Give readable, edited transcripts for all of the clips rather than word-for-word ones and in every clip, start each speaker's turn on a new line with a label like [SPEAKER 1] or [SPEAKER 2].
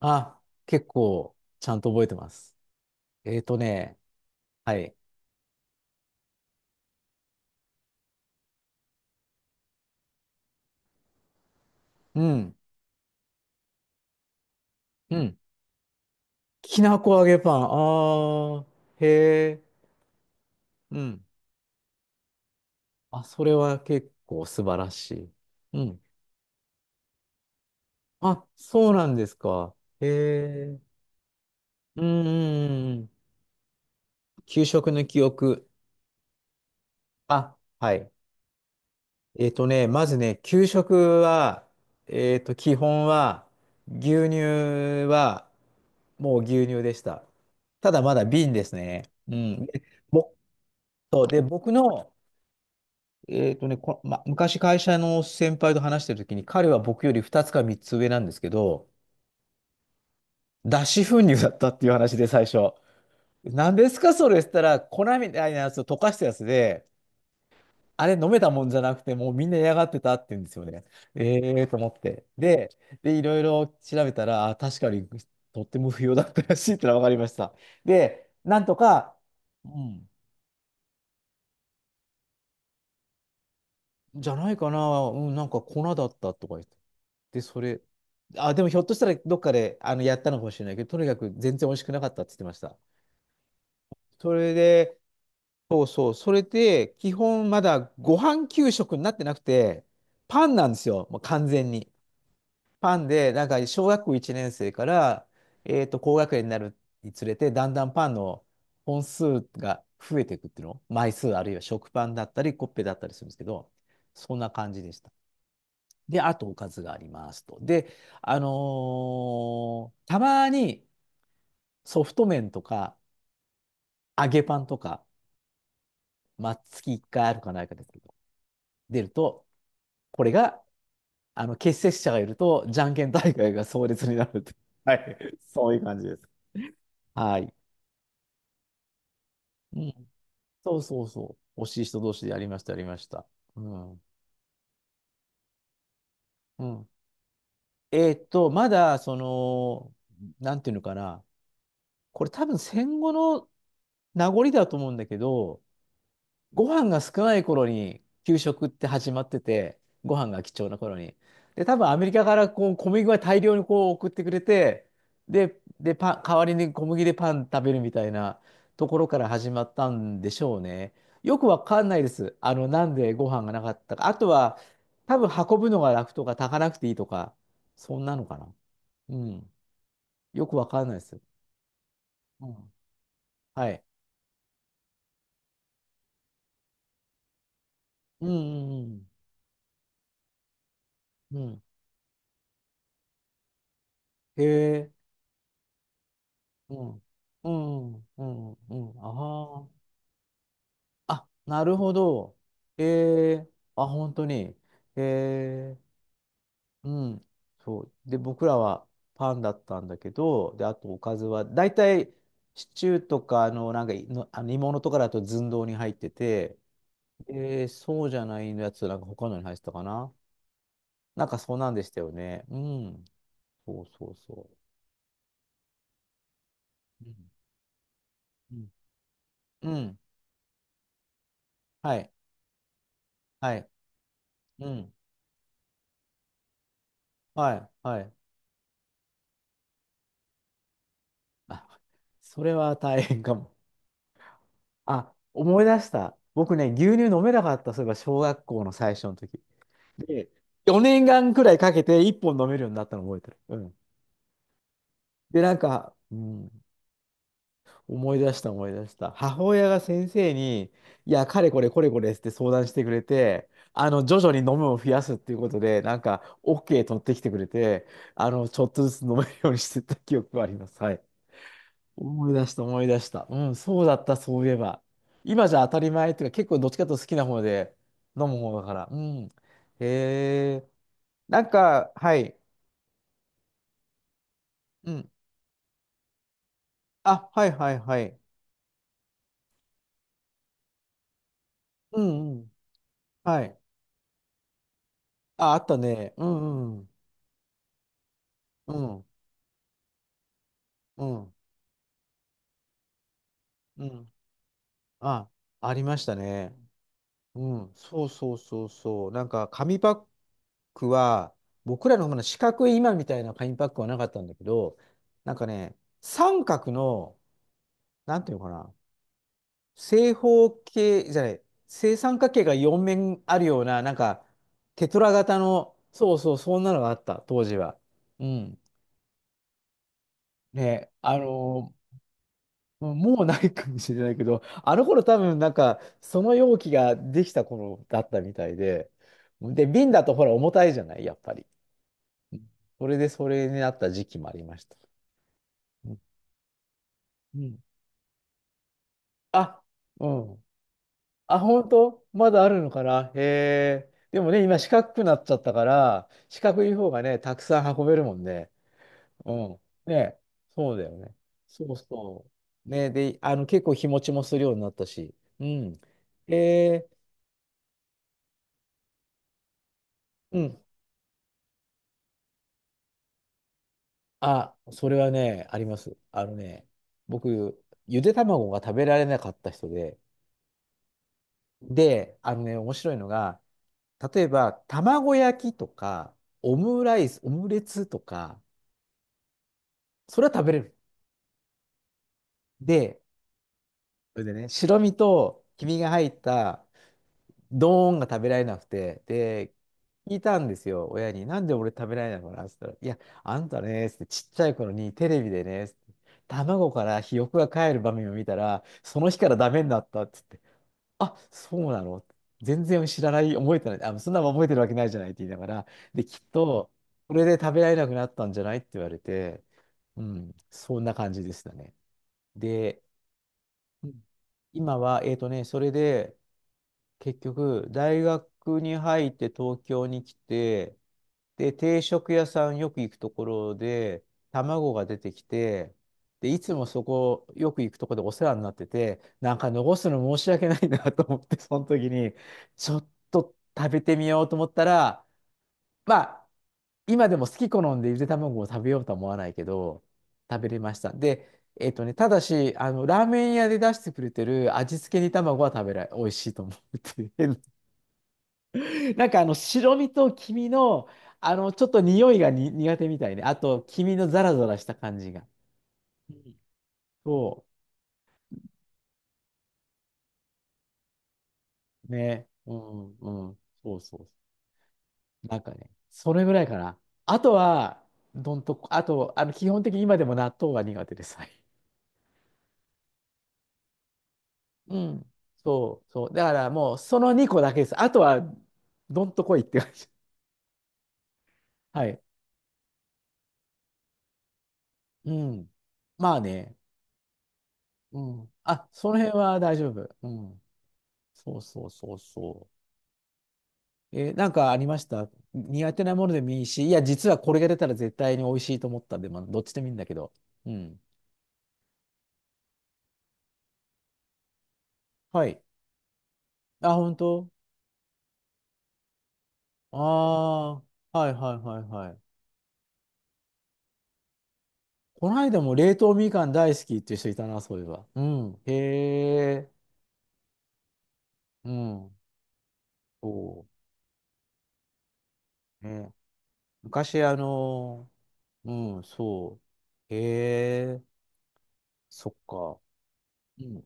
[SPEAKER 1] あ、結構、ちゃんと覚えてます。えーとね、はい。うん、うん。きなこ揚げパン。あー、へえ、うん。あ、それは結構素晴らしい。うん。あ、そうなんですか。へえ、うん、うんうん。給食の記憶。あ、はい。まずね、給食は、基本は、牛乳は、もう牛乳でした。ただまだ瓶ですね。うん。で、ぼそうで僕の、昔会社の先輩と話してる時に、彼は僕より2つか3つ上なんですけど、脱脂粉乳だったっていう話で最初。何ですかそれしたら、粉みたいなやつを溶かしたやつで、あれ飲めたもんじゃなくて、もうみんな嫌がってたって言うんですよね。ええと思って。で、いろいろ調べたら、あ、確かにとっても不要だったらしいってのは分かりました。で、なんとか、うんじゃないかな、うん、なんか粉だったとか言って。で、それ、あ、でもひょっとしたらどっかでやったのかもしれないけど、とにかく全然美味しくなかったって言ってました。それで、そうそう、それで、基本まだご飯給食になってなくて、パンなんですよ、もう完全に。パンで、なんか小学校1年生から、高学年になるにつれて、だんだんパンの本数が増えていくっていうの、枚数あるいは食パンだったり、コッペだったりするんですけど、そんな感じでした。で、あとおかずがありますと。で、たまにソフト麺とか揚げパンとか、まあ、月1回あるかないかですけど、出ると、これが、あの、欠席者がいると、じゃんけん大会が壮烈になると。はい。そういう感じです。はい。うん。そうそうそう。惜しい人同士でやりました、やりました。うん。うん。まだ、その、なんていうのかな。これ多分戦後の名残だと思うんだけど、ご飯が少ない頃に給食って始まってて、ご飯が貴重な頃に。で、多分アメリカからこう小麦が大量にこう送ってくれて、で、パン、代わりに小麦でパン食べるみたいなところから始まったんでしょうね。よくわかんないです。あの、なんでご飯がなかったか。あとは、多分運ぶのが楽とか炊かなくていいとか、そんなのかな。うん。よくわかんないです。うん。はい。うんうんうん。うん。へえ。うん、うん、うん、うん、ああ。あ、なるほど。ええあ、本当に。ええうん、そう。で、僕らはパンだったんだけど、で、あとおかずは、だいたいシチューとか、あの、なんかいの、あの煮物とかだと寸胴に入ってて、えーそうじゃないやつ、なんか他のに入ってたかな。なんかそうなんでしたよね。うん、そうそうそう。うん、うん、うんはい、はい、うん、はい、はい。あ、それは大変かも。あ、思い出した。僕ね、牛乳飲めなかった、そういえば小学校の最初の時。で、4年間くらいかけて1本飲めるようになったの覚えてる。うん。で、なんか、うん、思い出した思い出した。母親が先生に、いや、かれこれこれこれって相談してくれて、あの、徐々に飲むを増やすっていうことで、なんか、OK 取ってきてくれて、あの、ちょっとずつ飲めるようにしてた記憶があります。はい。思い出した、思い出した。うん、そうだった、そういえば。今じゃ当たり前っていうか、結構どっちかというと好きな方で、飲む方だから。うん。へえ。なんか、はい。うん。あ、はいはいはい。うんうん。はい。あ、あったね。うんうん。うん。うん。うん。あ、ありましたね。うん。そうそうそうそう。なんか、紙パックは、僕らのほうの四角い今みたいな紙パックはなかったんだけど、なんかね、三角の、なんていうのかな。正方形じゃない、正三角形が4面あるような、なんか、テトラ型の、そうそう、そんなのがあった、当時は。うん。ね、もうないかもしれないけど、あの頃多分なんか、その容器ができた頃だったみたいで、で、瓶だとほら重たいじゃない、やっぱり。うんそれでそれになった時期もありました。うん。うんあ、うん。あ、本当まだあるのかなへえ。でもね、今四角くなっちゃったから、四角い方がね、たくさん運べるもんね。うん。ね、そうだよね。そうそう。ね、で、あの、結構日持ちもするようになったし。うん。へえ、うん。あ、それはね、あります。あのね、僕、ゆで卵が食べられなかった人で、で、あのね、面白いのが、例えば、卵焼きとか、オムライス、オムレツとか、それは食べれる。で、それでね、白身と黄身が入ったドーンが食べられなくて、で、聞いたんですよ、親に。なんで俺食べられないのかなって言ったら、いや、あんたね、っつってちっちゃい頃にテレビでね、っつって卵からひよこが帰る場面を見たら、その日からダメになったっつって、あ、そうなの全然知らない、覚えてない、あ、そんなの覚えてるわけないじゃないって言いながら、で、きっと、これで食べられなくなったんじゃないって言われて、うん、そんな感じでしたね。で、うん今は、それで、結局、大学に入って東京に来て、で、定食屋さんよく行くところで、卵が出てきて、で、いつもそこ、よく行くところでお世話になってて、なんか残すの申し訳ないなと思って、その時に、ちょっと食べてみようと思ったら、まあ、今でも好き好んでゆで卵を食べようとは思わないけど、食べれました。で、ただし、あの、ラーメン屋で出してくれてる味付け煮卵は食べられ、美味しいと思うっていうな。なんかあの、白身と黄身の、あの、ちょっと匂いがに苦手みたいね。あと、黄身のザラザラした感じが。うんそう。ね。うん、うん。そうそう。なんかね、それぐらいかな。あとは、どんとこ、あと、あの、基本的に今でも納豆は苦手です。うん。そう、そう。だからもう、その2個だけです。あとは、どんと来いって感じ。はい。うん。まあね。うん。あ、その辺は大丈夫。うん。そうそうそうそう。えーなんかありました？苦手なものでもいいし、いや、実はこれが出たら絶対に美味しいと思ったんで、まあ、どっちでもいいんだけど。うん。はい。あ、本当ああー、はいはいはいはい。この間も冷凍みかん大好きっていう人いたな、そういえば。うん。へえ。うん。そうね、昔、うん、そう。へえ、そっか。うん。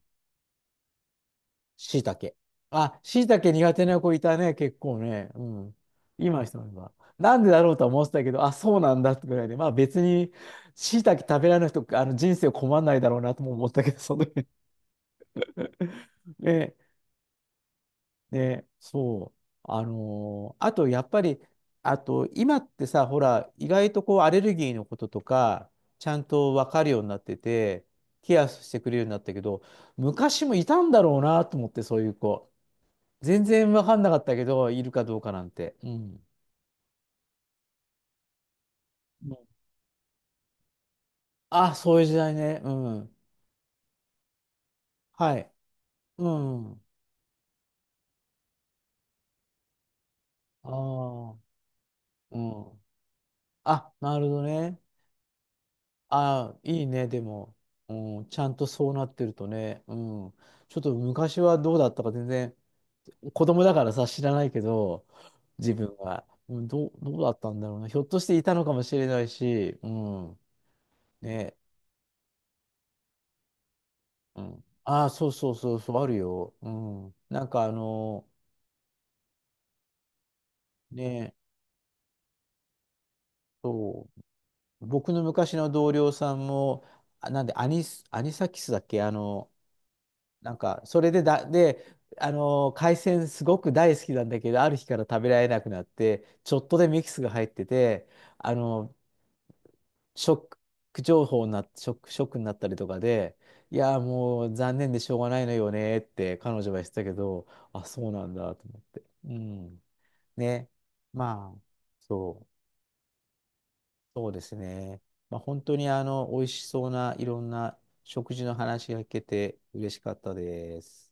[SPEAKER 1] しいたけ。あ、しいたけ苦手な子いたね、結構ね。うん。今人は。なんでだろうとは思ってたけど、あ、そうなんだってぐらいで、まあ別に、しいたけ食べられない人、あの人生困んないだろうなとも思ったけど、その時 ね、で、そう。あと、やっぱり、あと、今ってさ、ほら、意外とこう、アレルギーのこととか、ちゃんと分かるようになってて、ケアしてくれるようになったけど、昔もいたんだろうなと思って、そういう子。全然分かんなかったけど、いるかどうかなんて。うん。うんあ、そういう時代ね。うん。はい。うん。ああ。うん。あ、なるほどね。ああ、いいね、でも、うん、ちゃんとそうなってるとね、うん、ちょっと昔はどうだったか全然、子供だからさ、知らないけど、自分は、うん、どう、どうだったんだろうな、ひょっとしていたのかもしれないし、うん、ね、うん、ああ、そうそうそう、そう、あるよ、うん、なんかあの、ね、そう、僕の昔の同僚さんも、あなんで、アニス、アニサキスだっけ、あの、なんか、それでだ、で、海鮮すごく大好きなんだけど、ある日から食べられなくなって、ちょっとでミキスが入ってて、あのーショック情報になっ、ショック、ショックになったりとかで、いやー、もう残念でしょうがないのよねって彼女は言ってたけど、あ、そうなんだと思って。うん。ね。まあ、そう、そうですね。まあ、本当にあの、美味しそうないろんな食事の話が聞けて嬉しかったです。